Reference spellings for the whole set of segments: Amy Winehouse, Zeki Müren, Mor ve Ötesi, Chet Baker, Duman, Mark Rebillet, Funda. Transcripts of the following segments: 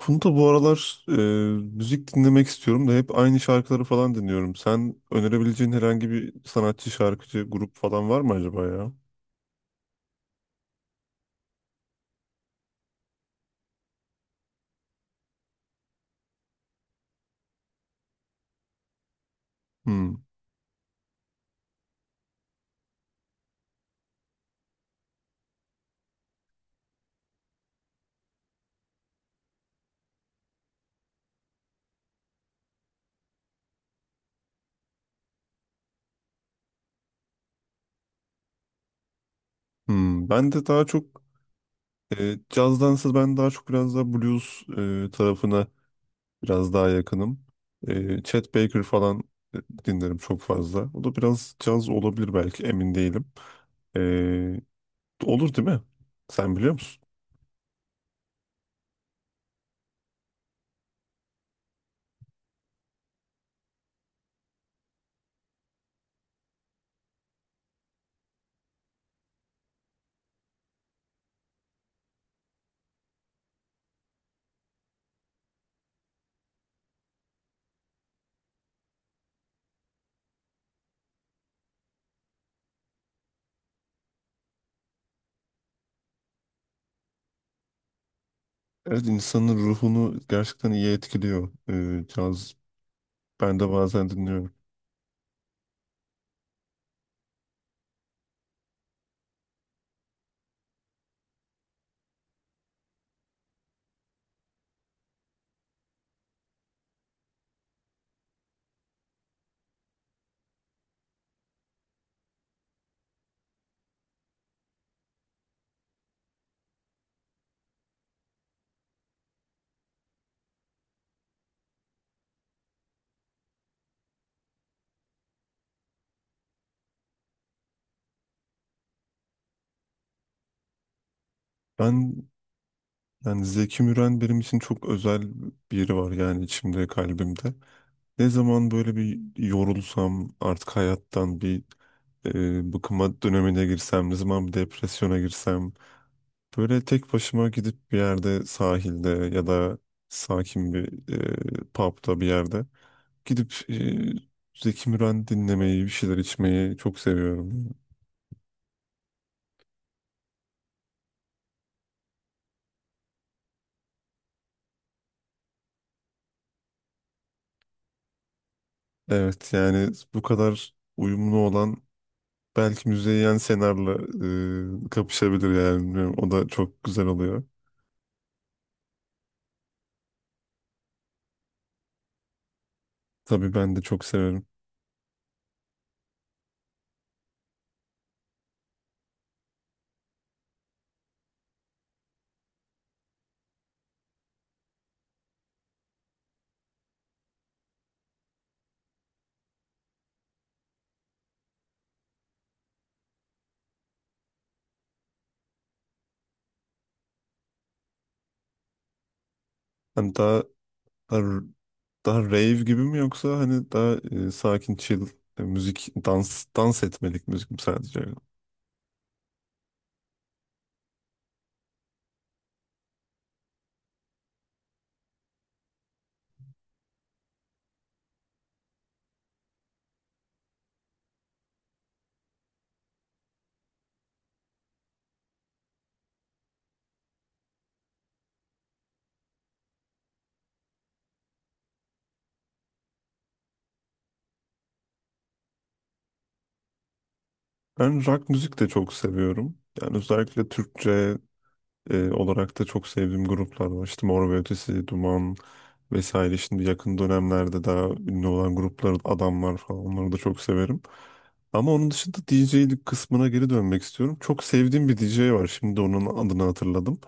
Funda bu aralar müzik dinlemek istiyorum da hep aynı şarkıları falan dinliyorum. Sen önerebileceğin herhangi bir sanatçı, şarkıcı, grup falan var mı acaba ya? Hmm. Hmm. Ben de daha çok e, cazdansa ben daha çok biraz daha blues tarafına biraz daha yakınım. Chet Baker falan e, dinlerim çok fazla. O da biraz caz olabilir belki emin değilim. E, olur değil mi? Sen biliyor musun? Evet, insanın ruhunu gerçekten iyi etkiliyor caz. Ben de bazen dinliyorum. Ben, yani Zeki Müren benim için çok özel bir yeri var yani, içimde, kalbimde. Ne zaman böyle bir yorulsam, artık hayattan bir bıkıma dönemine girsem, ne zaman bir depresyona girsem, böyle tek başıma gidip bir yerde sahilde ya da sakin bir pub'da bir yerde gidip Zeki Müren dinlemeyi, bir şeyler içmeyi çok seviyorum. Evet, yani bu kadar uyumlu olan... Belki Müzeyyen Senar'la kapışabilir yani. Bilmiyorum. O da çok güzel oluyor. Tabii ben de çok severim. Hani daha daha, daha rave gibi mi, yoksa hani daha sakin chill müzik, dans etmelik müzik mi sadece? Ben rock müzik de çok seviyorum. Yani özellikle Türkçe olarak da çok sevdiğim gruplar var. İşte Mor ve Ötesi, Duman, vesaire. Şimdi yakın dönemlerde daha ünlü olan gruplar, adamlar falan, onları da çok severim. Ama onun dışında DJ'lik kısmına geri dönmek istiyorum. Çok sevdiğim bir DJ var. Şimdi onun adını hatırladım.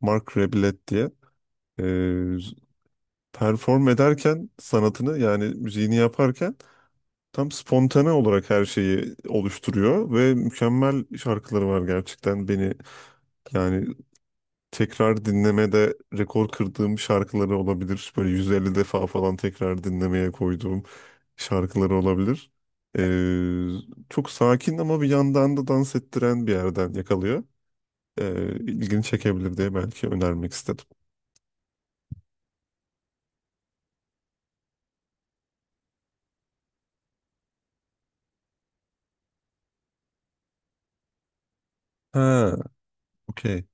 Mark Rebillet diye. Ee, perform ederken sanatını, yani müziğini yaparken tam spontane olarak her şeyi oluşturuyor ve mükemmel şarkıları var gerçekten. Beni, yani tekrar dinlemede rekor kırdığım şarkıları olabilir. Böyle 150 defa falan tekrar dinlemeye koyduğum şarkıları olabilir. Çok sakin ama bir yandan da dans ettiren bir yerden yakalıyor. İlgini çekebilir diye belki önermek istedim. Ha, okey.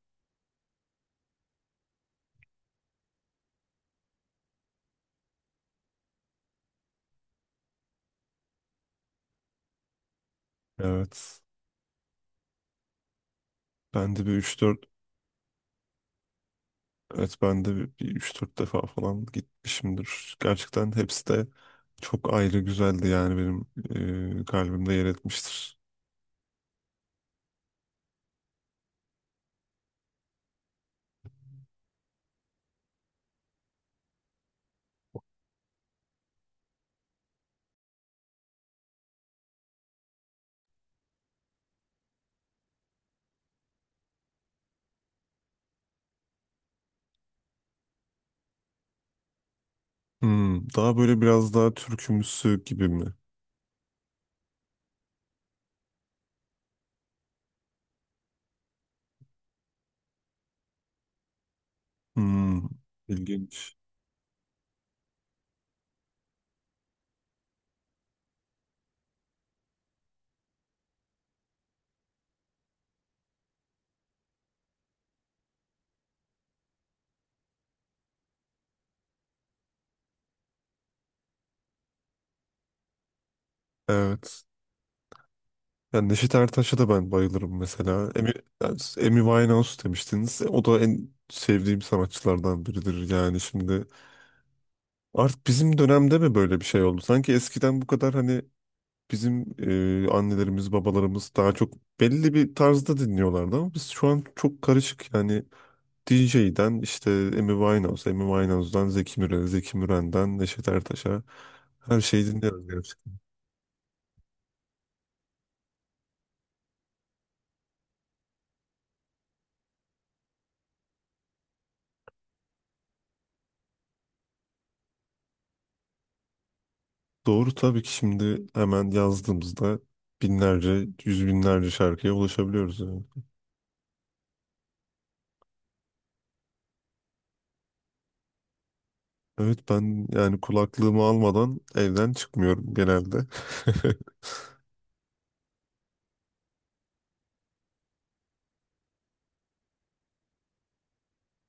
Evet. Ben de bir üç dört... Evet, ben de bir 3-4 defa falan gitmişimdir. Gerçekten hepsi de çok ayrı güzeldi yani, benim kalbimde yer etmiştir. Hmm, daha böyle biraz daha türkümsü gibi mi? Hmm, ilginç. Evet. Yani Neşet Ertaş'a da ben bayılırım mesela. Amy, yani Amy Winehouse demiştiniz. O da en sevdiğim sanatçılardan biridir yani şimdi. Artık bizim dönemde mi böyle bir şey oldu? Sanki eskiden bu kadar hani bizim annelerimiz, babalarımız daha çok belli bir tarzda dinliyorlardı ama biz şu an çok karışık yani. DJ'den işte Amy Winehouse, Amy Winehouse'dan Zeki Müren, Zeki Müren'den Neşet Ertaş'a, her şeyi dinliyoruz gerçekten. Doğru, tabii ki şimdi hemen yazdığımızda binlerce, yüz binlerce şarkıya ulaşabiliyoruz yani. Evet, ben yani kulaklığımı almadan evden çıkmıyorum genelde.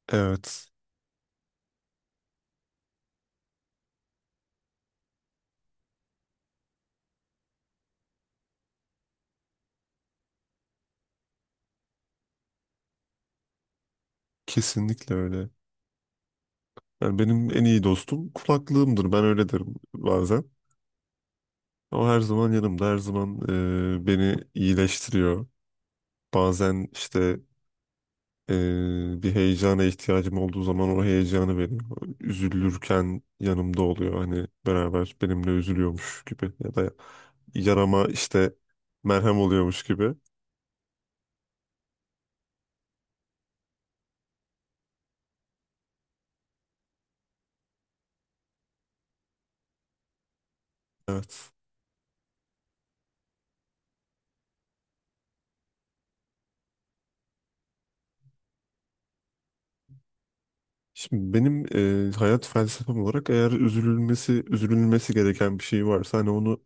Evet, kesinlikle öyle. Yani benim en iyi dostum kulaklığımdır, ben öyle derim bazen. O her zaman yanımda, her zaman beni iyileştiriyor. Bazen işte bir heyecana ihtiyacım olduğu zaman o heyecanı veriyor. Üzülürken yanımda oluyor. Hani beraber benimle üzülüyormuş gibi ya da yarama işte merhem oluyormuş gibi. Evet. Şimdi benim hayat felsefem olarak, eğer üzülülmesi gereken bir şey varsa, hani onu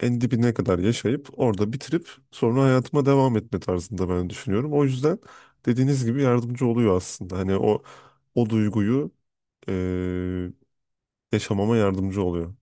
en dibine kadar yaşayıp orada bitirip sonra hayatıma devam etme tarzında ben düşünüyorum. O yüzden dediğiniz gibi yardımcı oluyor aslında. Hani o duyguyu e, yaşamama yardımcı oluyor.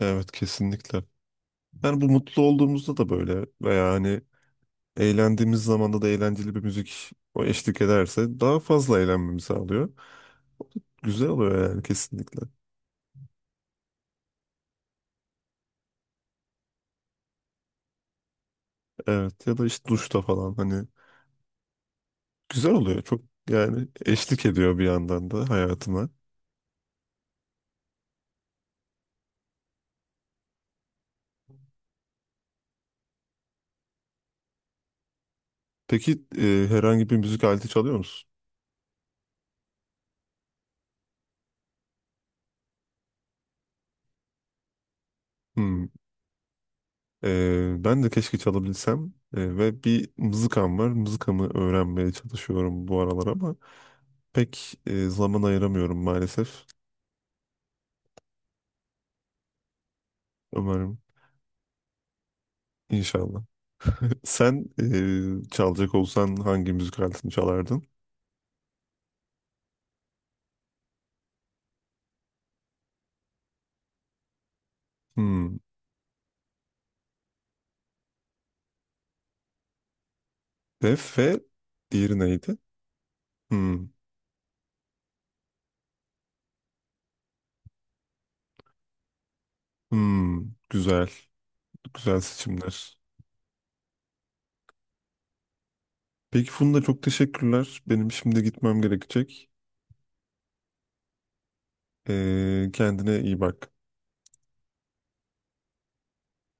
Evet, kesinlikle. Yani bu, mutlu olduğumuzda da böyle veya hani eğlendiğimiz zamanda da eğlenceli bir müzik o eşlik ederse daha fazla eğlenmemi sağlıyor. Güzel oluyor yani, kesinlikle. Evet, ya da işte duşta falan hani güzel oluyor. Çok, yani eşlik ediyor bir yandan da hayatıma. Peki herhangi bir müzik aleti çalıyor musun? Hmm. Ben de keşke çalabilsem. Ve bir mızıkam var. Mızıkamı öğrenmeye çalışıyorum bu aralar ama pek zaman ayıramıyorum maalesef. Umarım. İnşallah. Sen çalacak olsan hangi müzik aletini çalardın? Hmm. Ve F, diğeri neydi? Hmm. Hmm. Güzel. Güzel seçimler. Peki Funda, çok teşekkürler. Benim şimdi gitmem gerekecek. Kendine iyi bak.